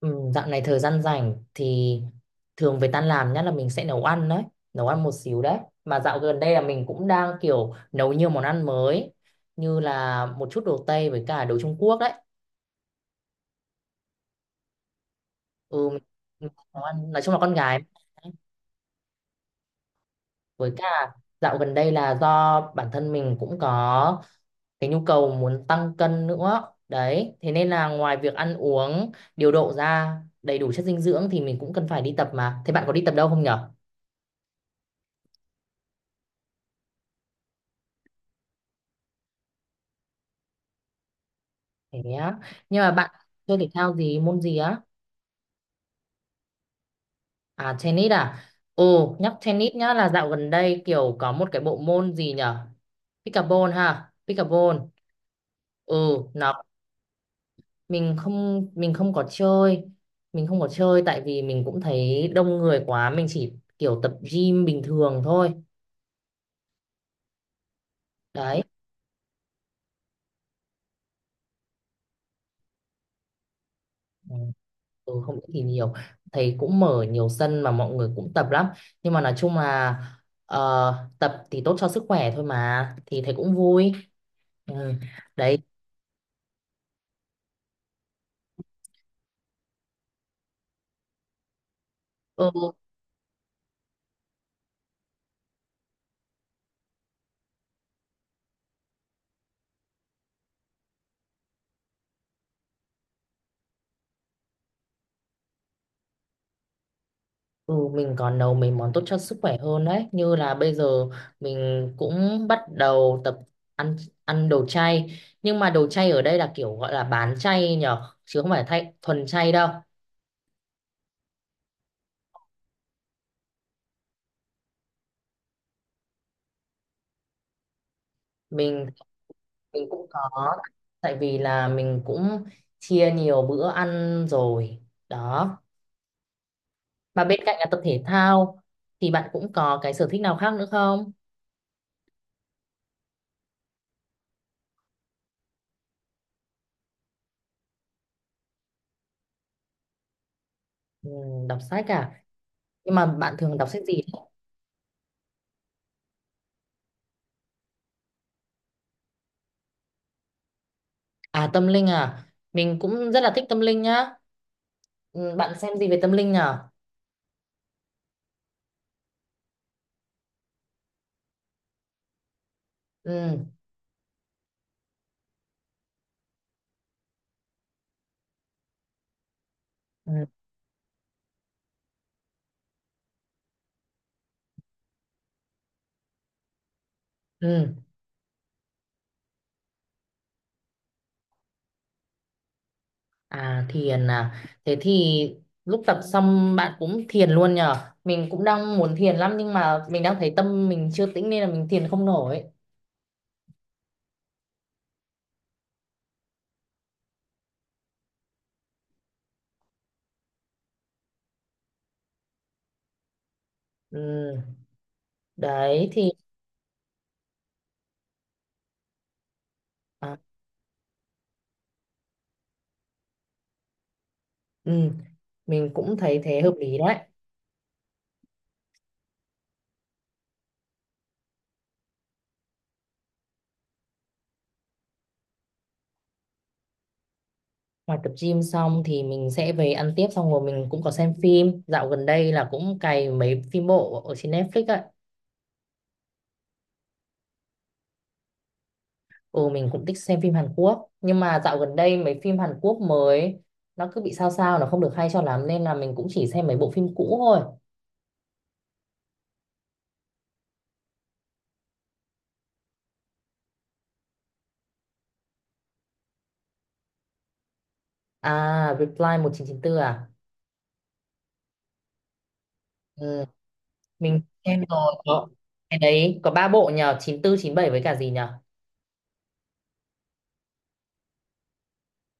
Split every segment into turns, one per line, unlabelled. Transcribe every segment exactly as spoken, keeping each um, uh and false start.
Ừ, dạo này thời gian rảnh thì thường về tan làm nhất là mình sẽ nấu ăn đấy, nấu ăn một xíu đấy. Mà dạo gần đây là mình cũng đang kiểu nấu nhiều món ăn mới như là một chút đồ Tây với cả đồ Trung Quốc đấy. Ừ, mình- nấu ăn nói chung là con gái với cả dạo gần đây là do bản thân mình cũng có cái nhu cầu muốn tăng cân nữa. Đấy, thế nên là ngoài việc ăn uống điều độ ra đầy đủ chất dinh dưỡng thì mình cũng cần phải đi tập mà. Thế bạn có đi tập đâu không nhỉ? Thế á. Nhưng mà bạn chơi thể thao gì, môn gì á? À, tennis à? Ồ, nhắc tennis nhá là dạo gần đây kiểu có một cái bộ môn gì nhở? Pickleball ha, pickleball. Ừ, nó mình không mình không có chơi. Mình không có chơi tại vì mình cũng thấy đông người quá, mình chỉ kiểu tập gym bình thường thôi. Đấy. Ừ, ừ, không biết thì nhiều. Thấy cũng mở nhiều sân mà mọi người cũng tập lắm. Nhưng mà nói chung là ờ, tập thì tốt cho sức khỏe thôi mà thì thấy cũng vui. Ừ. Đấy, ừ, ừ, mình còn nấu mấy món tốt cho sức khỏe hơn đấy. Như là bây giờ mình cũng bắt đầu tập ăn ăn đồ chay. Nhưng mà đồ chay ở đây là kiểu gọi là bán chay nhở, chứ không phải thay thuần chay đâu. Mình mình cũng có, tại vì là mình cũng chia nhiều bữa ăn rồi. Đó. Mà bên cạnh là tập thể thao thì bạn cũng có cái sở thích nào khác nữa không? Ừ, đọc sách à? Nhưng mà bạn thường đọc sách gì? À, tâm linh à, mình cũng rất là thích tâm linh nhá. Ừ, bạn xem gì về tâm linh nhở? Ừ, ừ, ừ. À, thiền à, thế thì lúc tập xong bạn cũng thiền luôn nhở? Mình cũng đang muốn thiền lắm nhưng mà mình đang thấy tâm mình chưa tĩnh nên là mình thiền không nổi. Ừ, đấy thì à, ừ, mình cũng thấy thế hợp lý đấy. Ngoài tập gym xong thì mình sẽ về ăn tiếp xong rồi mình cũng có xem phim. Dạo gần đây là cũng cày mấy phim bộ ở trên Netflix ấy. Ừ, mình cũng thích xem phim Hàn Quốc. Nhưng mà dạo gần đây mấy phim Hàn Quốc mới nó cứ bị sao sao, nó không được hay cho lắm, nên là mình cũng chỉ xem mấy bộ phim cũ thôi. À, Reply một chín chín tư à, ừ, mình xem rồi. Có, cái đấy có ba bộ nhờ, chín tư, chín bảy với cả gì nhờ?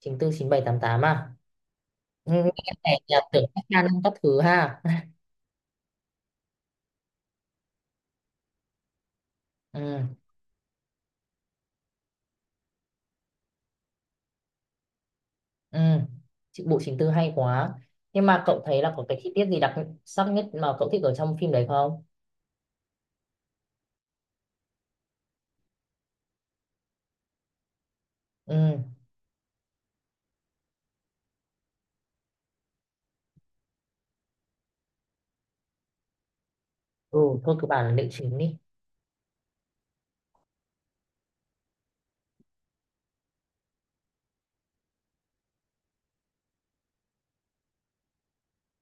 chín tư, chín bảy, tám tám à? Ừ, cái này nhà tưởng các ca năm các thứ ha. Ừ, ừ. Chị- Bộ chín tư hay quá. Nhưng mà cậu thấy là có cái chi tiết gì đặc sắc nhất mà cậu thích ở trong phim đấy không? Ừ, ừ, thôi cứ bảo là nữ chính đi.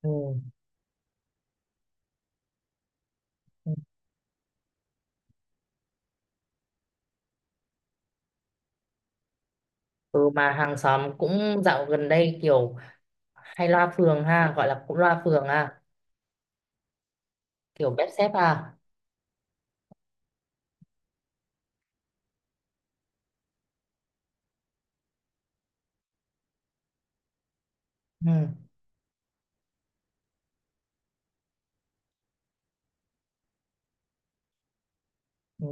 Ừ. Ừ, mà hàng xóm cũng dạo gần đây kiểu hay loa phường ha, gọi là cũng loa phường ha, kiểu bếp xếp ha. Ừ. Ừ.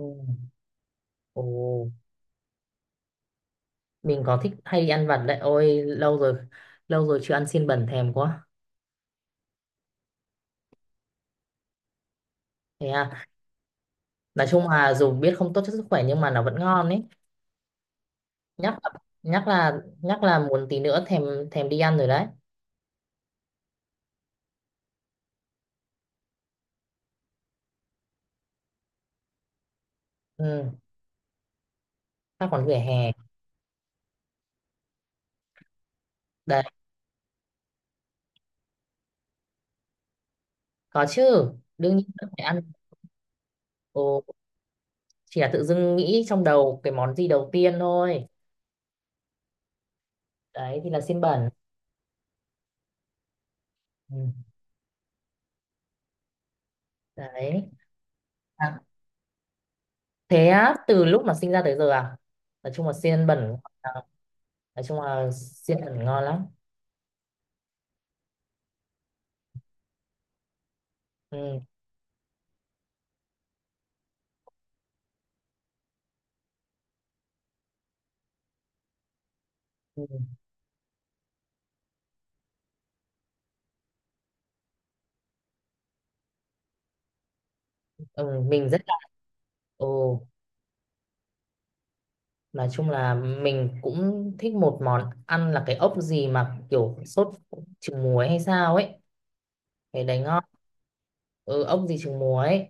Ồ, mình có thích hay đi ăn vặt đấy. Ôi, lâu rồi lâu rồi chưa ăn xiên bẩn, thèm quá. Thế à? Nói chung là dù biết không tốt cho sức khỏe nhưng mà nó vẫn ngon ấy. Nhắc là, nhắc là nhắc là muốn tí nữa thèm, thèm đi ăn rồi đấy. Ừ, ta còn vỉa hè đấy. Có chứ, đương nhiên vẫn phải ăn. Ồ, chỉ là tự dưng nghĩ trong đầu cái món gì đầu tiên thôi. Đấy thì là xiên bẩn. Ừ. Đấy. À, thế á, từ lúc mà sinh ra tới giờ à? Nói chung là xiên bẩn à, nói chung là xiên bẩn ngon lắm. Ừ. Ừ. Ừ, mình rất là- Ồ, nói chung là mình cũng thích một món ăn là cái ốc gì mà kiểu sốt trứng muối hay sao ấy. Cái đấy ngon. Ừ, ốc gì trứng muối ấy.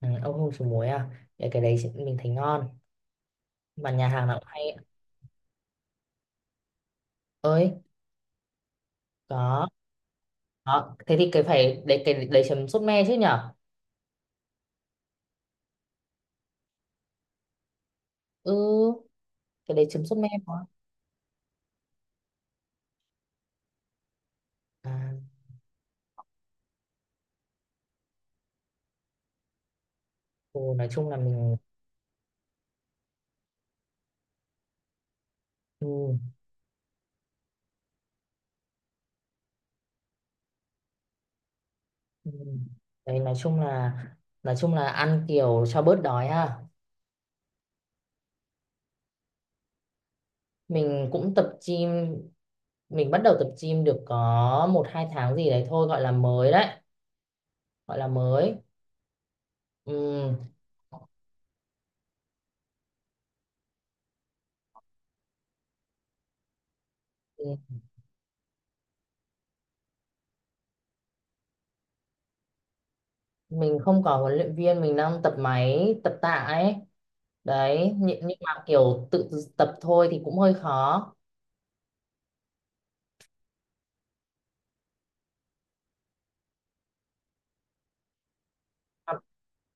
Ừ, ốc hương trứng muối à, cái cái đấy chị- mình thấy ngon, mà nhà hàng nào cũng hay ấy. Ơi, có. Đó, thế thì cái phải đấy, cái đấy chấm sốt me chứ nhở? Ừ, cái đấy chấm sốt me quá. À, ừ, nói chung là mình- Ừ, ừ. Đấy nói chung là, nói chung là ăn kiểu cho bớt đói ha. Mình cũng tập gym, mình bắt đầu tập gym được có một hai tháng gì đấy thôi, gọi là mới đấy, gọi là mới. Ừ. Ừ, mình không có huấn luyện viên, mình đang tập máy tập tạ ấy. Đấy nhưng nhưng mà kiểu tự tập thôi thì cũng hơi khó.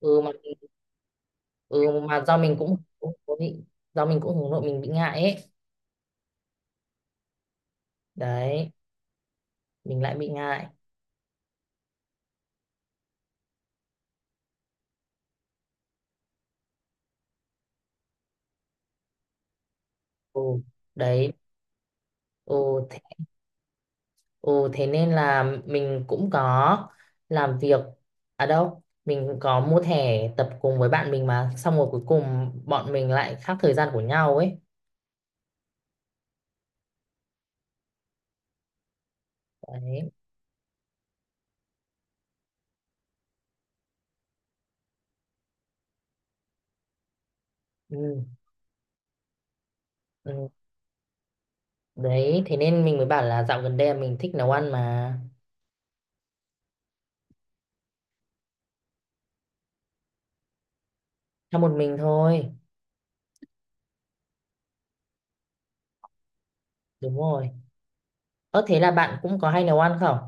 Ừ mà ừ mà do mình cũng cũng có bị, do mình cũng hướng nội mình bị ngại ấy. Đấy, mình lại bị ngại. Ừ. Đấy. Ừ, thế, ừ thế nên là mình cũng có làm việc ở đâu mình có mua thẻ tập cùng với bạn mình mà xong rồi cuối cùng bọn mình lại khác thời gian của nhau ấy. Đấy. Ừ, ừ. Đấy thế nên mình mới bảo là dạo gần đây là mình thích nấu ăn mà. Cho một mình thôi. Đúng rồi. Ơ thế là bạn cũng có hay nấu ăn không?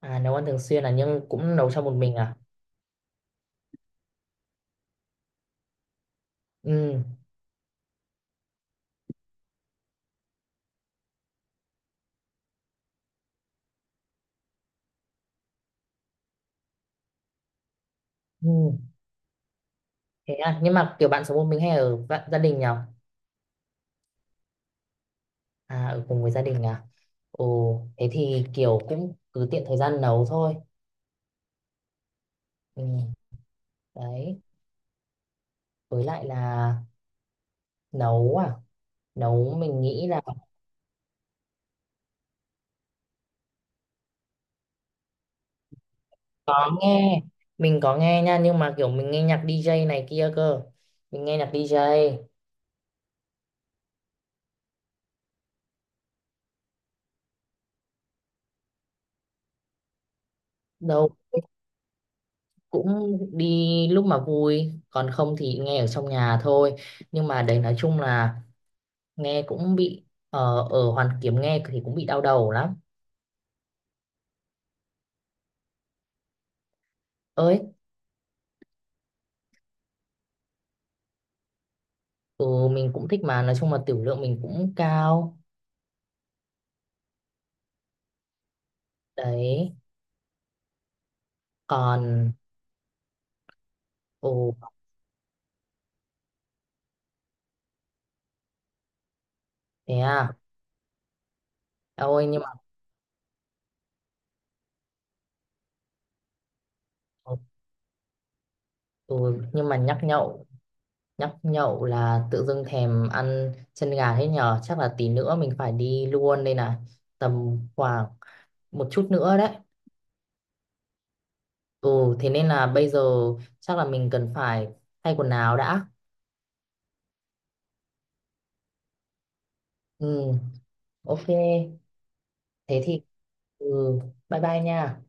À, nấu ăn thường xuyên à, nhưng cũng nấu cho một mình à? Ừ, ừ, thế à, nhưng mà kiểu bạn sống một mình hay ở vạ- gia đình nhở? À, ở cùng với gia đình à? Ồ, thế thì kiểu cũng cứ tiện thời gian nấu thôi. Ừ, đấy, với lại là nấu à, nấu mình nghĩ là- Có nghe, mình có nghe nha, nhưng mà kiểu mình nghe nhạc di jay này kia cơ. Mình nghe nhạc di jay, đâu cũng đi lúc mà vui, còn không thì nghe ở trong nhà thôi. Nhưng mà đấy nói chung là nghe cũng bị, ờ, ở Hoàn Kiếm nghe thì cũng bị đau đầu lắm. Ơi, ừ, mình cũng thích mà nói chung là tiểu lượng mình cũng cao. Đấy còn- Ừ. Thế à? Ôi nhưng mà- Ừ, ừ, nhưng mà nhắc nhậu, nhắc nhậu là tự dưng thèm ăn chân gà thế nhở, chắc là tí nữa mình phải đi luôn đây này. Tầm khoảng một chút nữa đấy. Ừ thế nên là bây giờ chắc là mình cần phải thay quần áo đã. Ừ, ok. Thế thì ừ, bye bye nha.